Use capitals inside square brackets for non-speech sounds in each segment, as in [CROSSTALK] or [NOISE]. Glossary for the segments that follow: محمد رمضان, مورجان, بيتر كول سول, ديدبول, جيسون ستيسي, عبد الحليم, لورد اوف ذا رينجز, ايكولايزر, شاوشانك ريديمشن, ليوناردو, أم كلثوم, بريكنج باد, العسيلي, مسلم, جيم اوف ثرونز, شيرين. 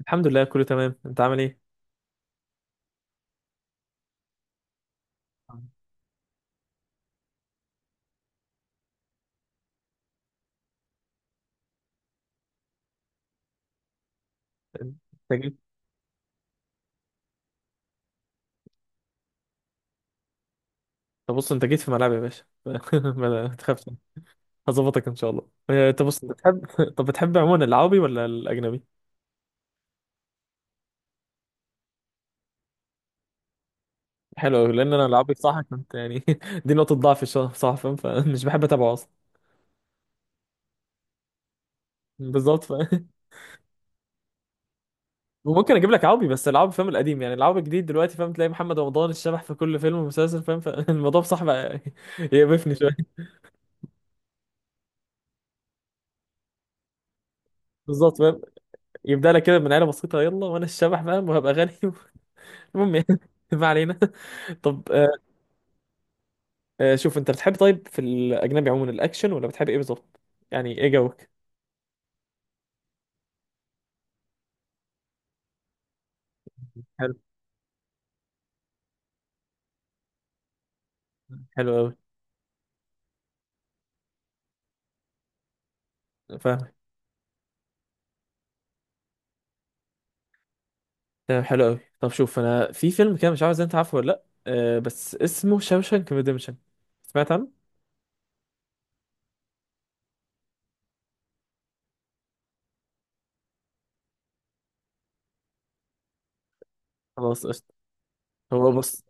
الحمد لله كله تمام، انت عامل ايه؟ انت جيت. طب بص، انت جيت في ملعبي يا باشا [LAUGHS] ما تخافش، هظبطك ان شاء الله. اه، طب بص بتحب [LAUGHS] طب بتحب عموما العربي ولا الاجنبي؟ حلو قوي، لان انا العربي بصراحه كنت يعني [LAUGHS] دي نقطه ضعف الصراحه، فاهم؟ فمش بحب اتابعه اصلا. بالظبط. [LAUGHS] وممكن اجيب لك عربي، بس العربي فاهم القديم، يعني العربي الجديد دلوقتي فاهم تلاقي محمد رمضان الشبح في كل فيلم ومسلسل، فاهم؟ فالموضوع بصراحه بقى [LAUGHS] يقرفني شويه. بالظبط فاهم. يبدا لك كده من عيله بسيطه، يلا وانا الشبح فاهم وهبقى غني [LAUGHS] المهم يعني [LAUGHS] ما علينا. طب آه، آه، شوف انت بتحب طيب في الاجنبي عموما الاكشن ولا بتحب ايه بالظبط؟ يعني ايه جوك. حلو. حلو قوي. فاهمك. تمام حلو قوي. طب شوف انا في فيلم كده مش عارف اذا انت عارفه ولا لا، آه، بس اسمه شاوشانك ريديمشن. سمعت عنه. خلاص قشطة. هو بص،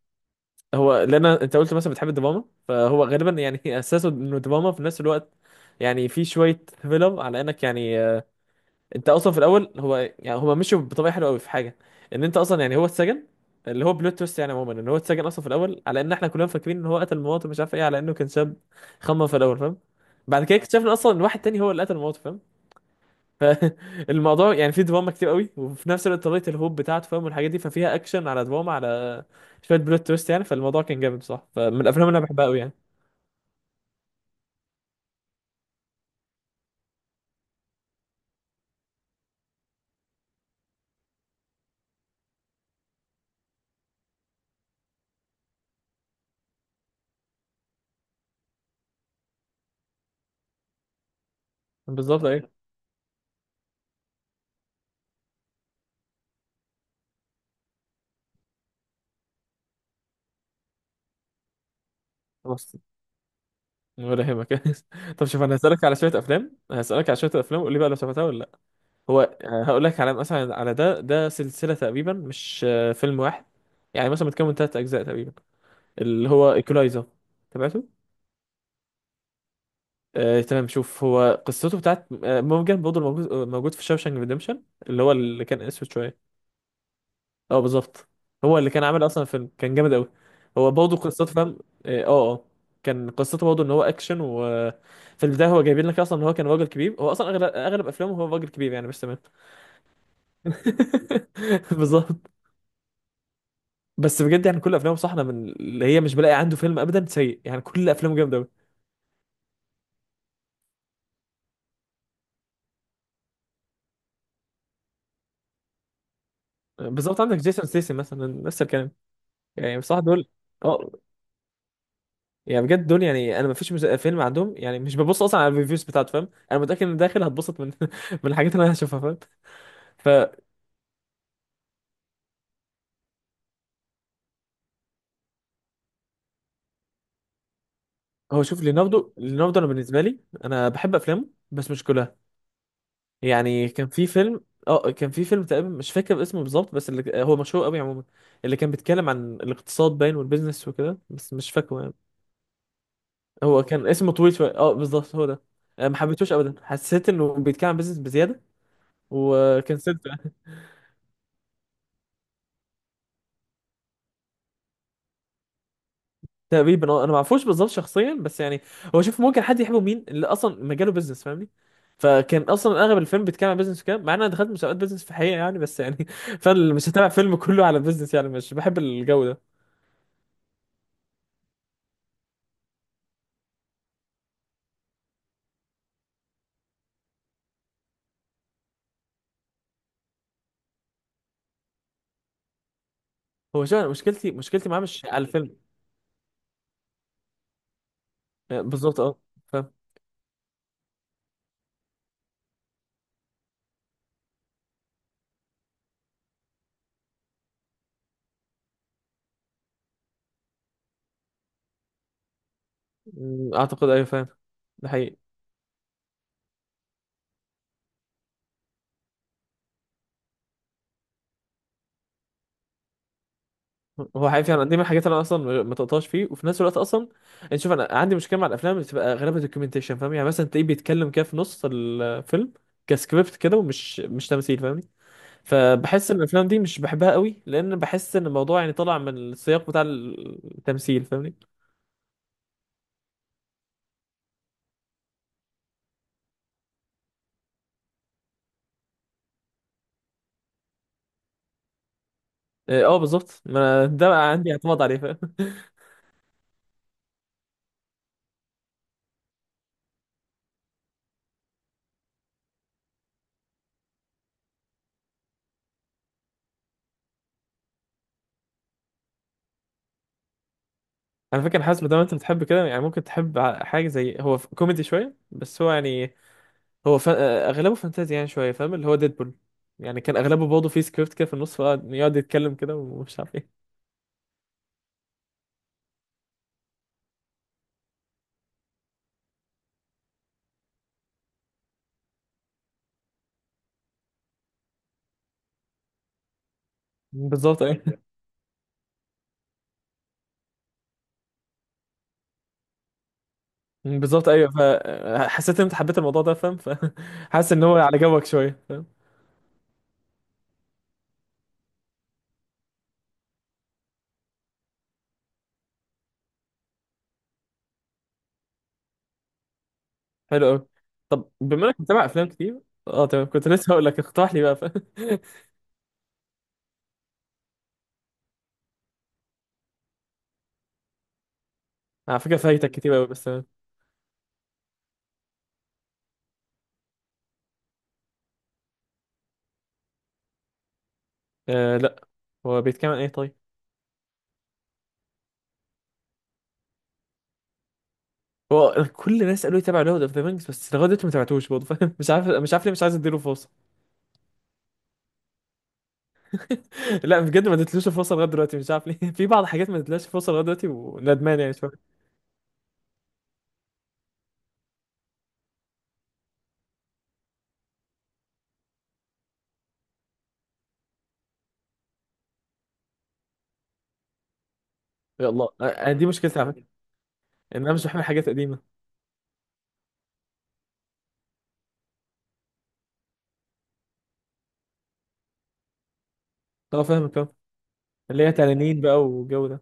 هو لان انت قلت مثلا بتحب الدراما فهو غالبا يعني [LAUGHS] اساسه انه دراما في نفس الوقت. يعني في شويه فيلم على انك يعني انت اصلا في الاول هو يعني هما مشوا بطريقه حلوه قوي في حاجه، ان انت اصلا يعني هو اتسجن، اللي هو بلوت تويست يعني عموما، ان هو اتسجن اصلا في الاول على ان احنا كلنا فاكرين ان هو قتل مراته مش عارف ايه، على انه كان شاب خمم في الاول، فاهم؟ بعد كده اكتشفنا اصلا ان واحد تاني هو اللي قتل مراته، فاهم؟ فالموضوع [LAUGHS] يعني فيه دراما كتير قوي وفي نفس الوقت طريقه الهوب بتاعته، فاهم؟ والحاجات دي، ففيها اكشن على دراما على شويه بلوت تويست يعني. فالموضوع كان جامد بصراحه، فمن الافلام اللي انا بحبها قوي يعني. بالظبط ايه. بس بفهمك [LAUGHS] طب شوف، انا هسألك على شوية افلام، هسألك على شوية افلام قول لي بقى لو شفتها ولا لا. هو هقول لك على مثلا على ده سلسلة تقريبا مش آه، فيلم واحد، يعني مثلا متكون من ثلاث اجزاء تقريبا، اللي هو ايكولايزر. تابعته؟ آه، تمام. شوف، هو قصته بتاعت آه، مورجان برضه موجود في شاوشانك ريديمشن، اللي هو اللي كان اسود شويه. اه بالظبط. هو اللي كان عامل اصلا فيلم كان جامد قوي. هو برضه قصته، فاهم؟ اه اه آه. كان قصته برضه ان هو اكشن، وفي البدايه هو جايبين لك اصلا ان هو كان راجل كبير، هو اصلا اغلب افلامه هو راجل كبير يعني، مش تمام؟ [LAUGHS] بالظبط. بس بجد يعني كل افلامه صح، أنا من اللي هي مش بلاقي عنده فيلم ابدا سيء يعني، كل افلامه جامده قوي. بالظبط، عندك جيسون ستيسي مثلا نفس الكلام. يعني بصراحه دول اه، يعني بجد دول يعني، انا ما فيش فيلم عندهم يعني مش ببص اصلا على الريفيوز بتاعته، فاهم؟ انا متاكد ان داخل هتبسط من [LAUGHS] من الحاجات اللي انا هشوفها، فاهم؟ فهو. شوف، ليوناردو، انا بالنسبه لي انا بحب افلامه بس مش كلها. يعني كان في فيلم اه، كان في فيلم تقريبا مش فاكر اسمه بالظبط، بس اللي هو مشهور قوي عموما، اللي كان بيتكلم عن الاقتصاد باين والبيزنس وكده، بس مش فاكره يعني. هو كان اسمه طويل شويه. اه بالظبط هو ده. أنا ما حبيتهوش ابدا، حسيت انه بيتكلم عن بيزنس بزياده وكنسلت. تقريبا اه. انا ما اعرفوش بالظبط شخصيا بس يعني، هو شوف ممكن حد يحبه مين اللي اصلا مجاله بيزنس، فاهمني؟ فكان اصلا اغلب الفيلم بيتكلم عن بيزنس وكده، مع ان انا دخلت مسابقات بيزنس في الحقيقه يعني، بس يعني [LAUGHS] فانا مش هتابع فيلم كله على بيزنس يعني، مش بحب الجو ده. هو شوف، أنا مشكلتي معاه مش على الفيلم. آه، بالظبط اه. فاهم. مم، اعتقد ايوه فاهم. ده حقيقي. هو حقيقي فعلا، دي من الحاجات اللي انا اصلا ما تقطعش فيه، وفي نفس الوقت اصلا انت شوف انا عندي مشكله مع الافلام اللي بتبقى غالبا دوكيومنتيشن، فاهم؟ يعني مثلا تلاقيه بيتكلم كده في نص الفيلم كسكريبت كده، ومش مش تمثيل، فاهمني؟ فبحس ان الافلام دي مش بحبها قوي، لان بحس ان الموضوع يعني طالع من السياق بتاع التمثيل، فاهمني؟ اه آه، بالظبط، ما أنا ده بقى عندي اعتماد عليه، فاهم؟ [LAUGHS] على فكره حاسس ما دام انت بتحب كده يعني ممكن تحب حاجه زي، هو كوميدي شويه بس هو يعني، هو اغلبه فانتازي يعني شويه، فاهم؟ اللي هو ديدبول. يعني كان اغلبه برضه فيه سكريبت كده في النص، فقعد يتكلم كده ومش عارف ايه. بالظبط ايوه. [LAUGHS] بالظبط ايوه، فحسيت ان انت حبيت الموضوع ده، فاهم؟ فحاسس [LAUGHS] ان هو على جوك شويه، فاهم؟ حلو قوي. طب بما انك متابع افلام كتير. اه تمام، كنت لسه هقول لك اقترح لي بقى، فاهم؟ [LAUGHS] على فكره فايتك كتير قوي بس تمام. آه لا. هو بيتكلم عن ايه طيب؟ هو كل الناس قالوا لي تابع لورد اوف ذا رينجز، بس لغايه دلوقتي ما تابعتوش برضه، فاهم؟ مش عارف، ليه، مش عايز اديله فرصه. لا بجد، ما اديتلوش الفرصه لغايه دلوقتي، مش عارف ليه [LAUGHS] في بعض الحاجات ما اديتلهاش الفرصه لغايه دلوقتي، وندمان يعني شويه. يا الله، أنا دي مشكلتي على فكره، ان انا مش بحمل حاجات قديمه. اه فاهمك اه. اللي هي تنانين بقى والجو ده.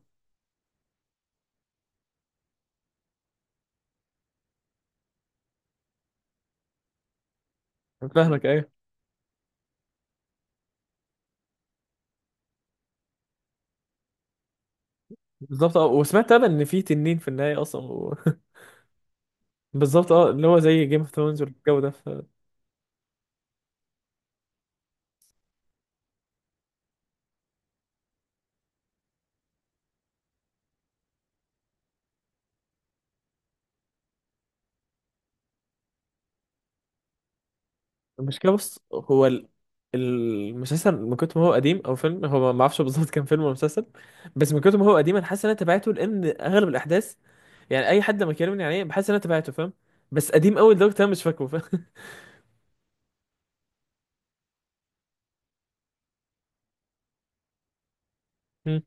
فاهمك ايوه. بالظبط اه، وسمعت انا ان في تنين في النهايه اصلا [LAUGHS] بالظبط اه، اللي هو زي جيم اوف ثرونز والجو ده. فالمشكله بص، المسلسل من كتر ما هو قديم، او فيلم هو، ما اعرفش بالظبط كان فيلم ولا مسلسل، بس من كتر ما هو قديم انا حاسس ان انا تابعته، لان اغلب الاحداث يعني اي حد لما يكلمني عليه بحس ان انا تابعته، فاهم؟ بس قديم قوي لدرجه انا مش فاكره، فاهم؟ [LAUGHS] مم.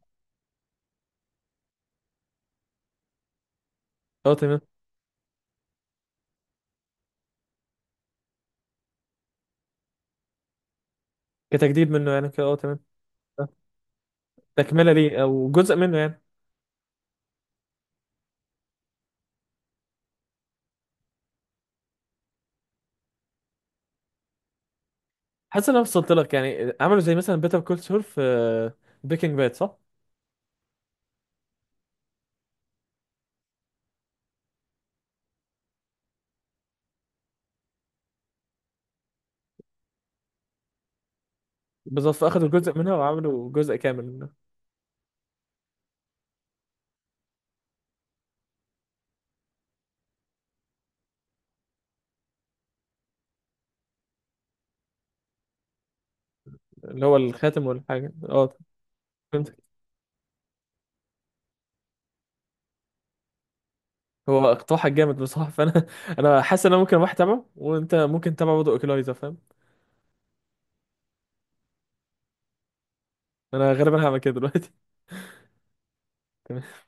اه تمام. كتجديد منه يعني كده، اه تمام. آه. تكمله ليه او جزء منه يعني. حاسس ان انا وصلت لك، يعني عملوا زي مثلا بيتر كول سول في بريكنج باد، صح؟ بالظبط، فاخدوا جزء منها وعملوا جزء كامل منها. اللي هو الخاتم والحاجه اه. فهمت. هو اقتراحك جامد بصراحه، فانا [LAUGHS] انا حاسس ان انا ممكن واحد تابعه، وانت ممكن تتابع برضه اوكلايزر، فاهم؟ انا غالبا هعمل كده دلوقتي. [LAUGHS]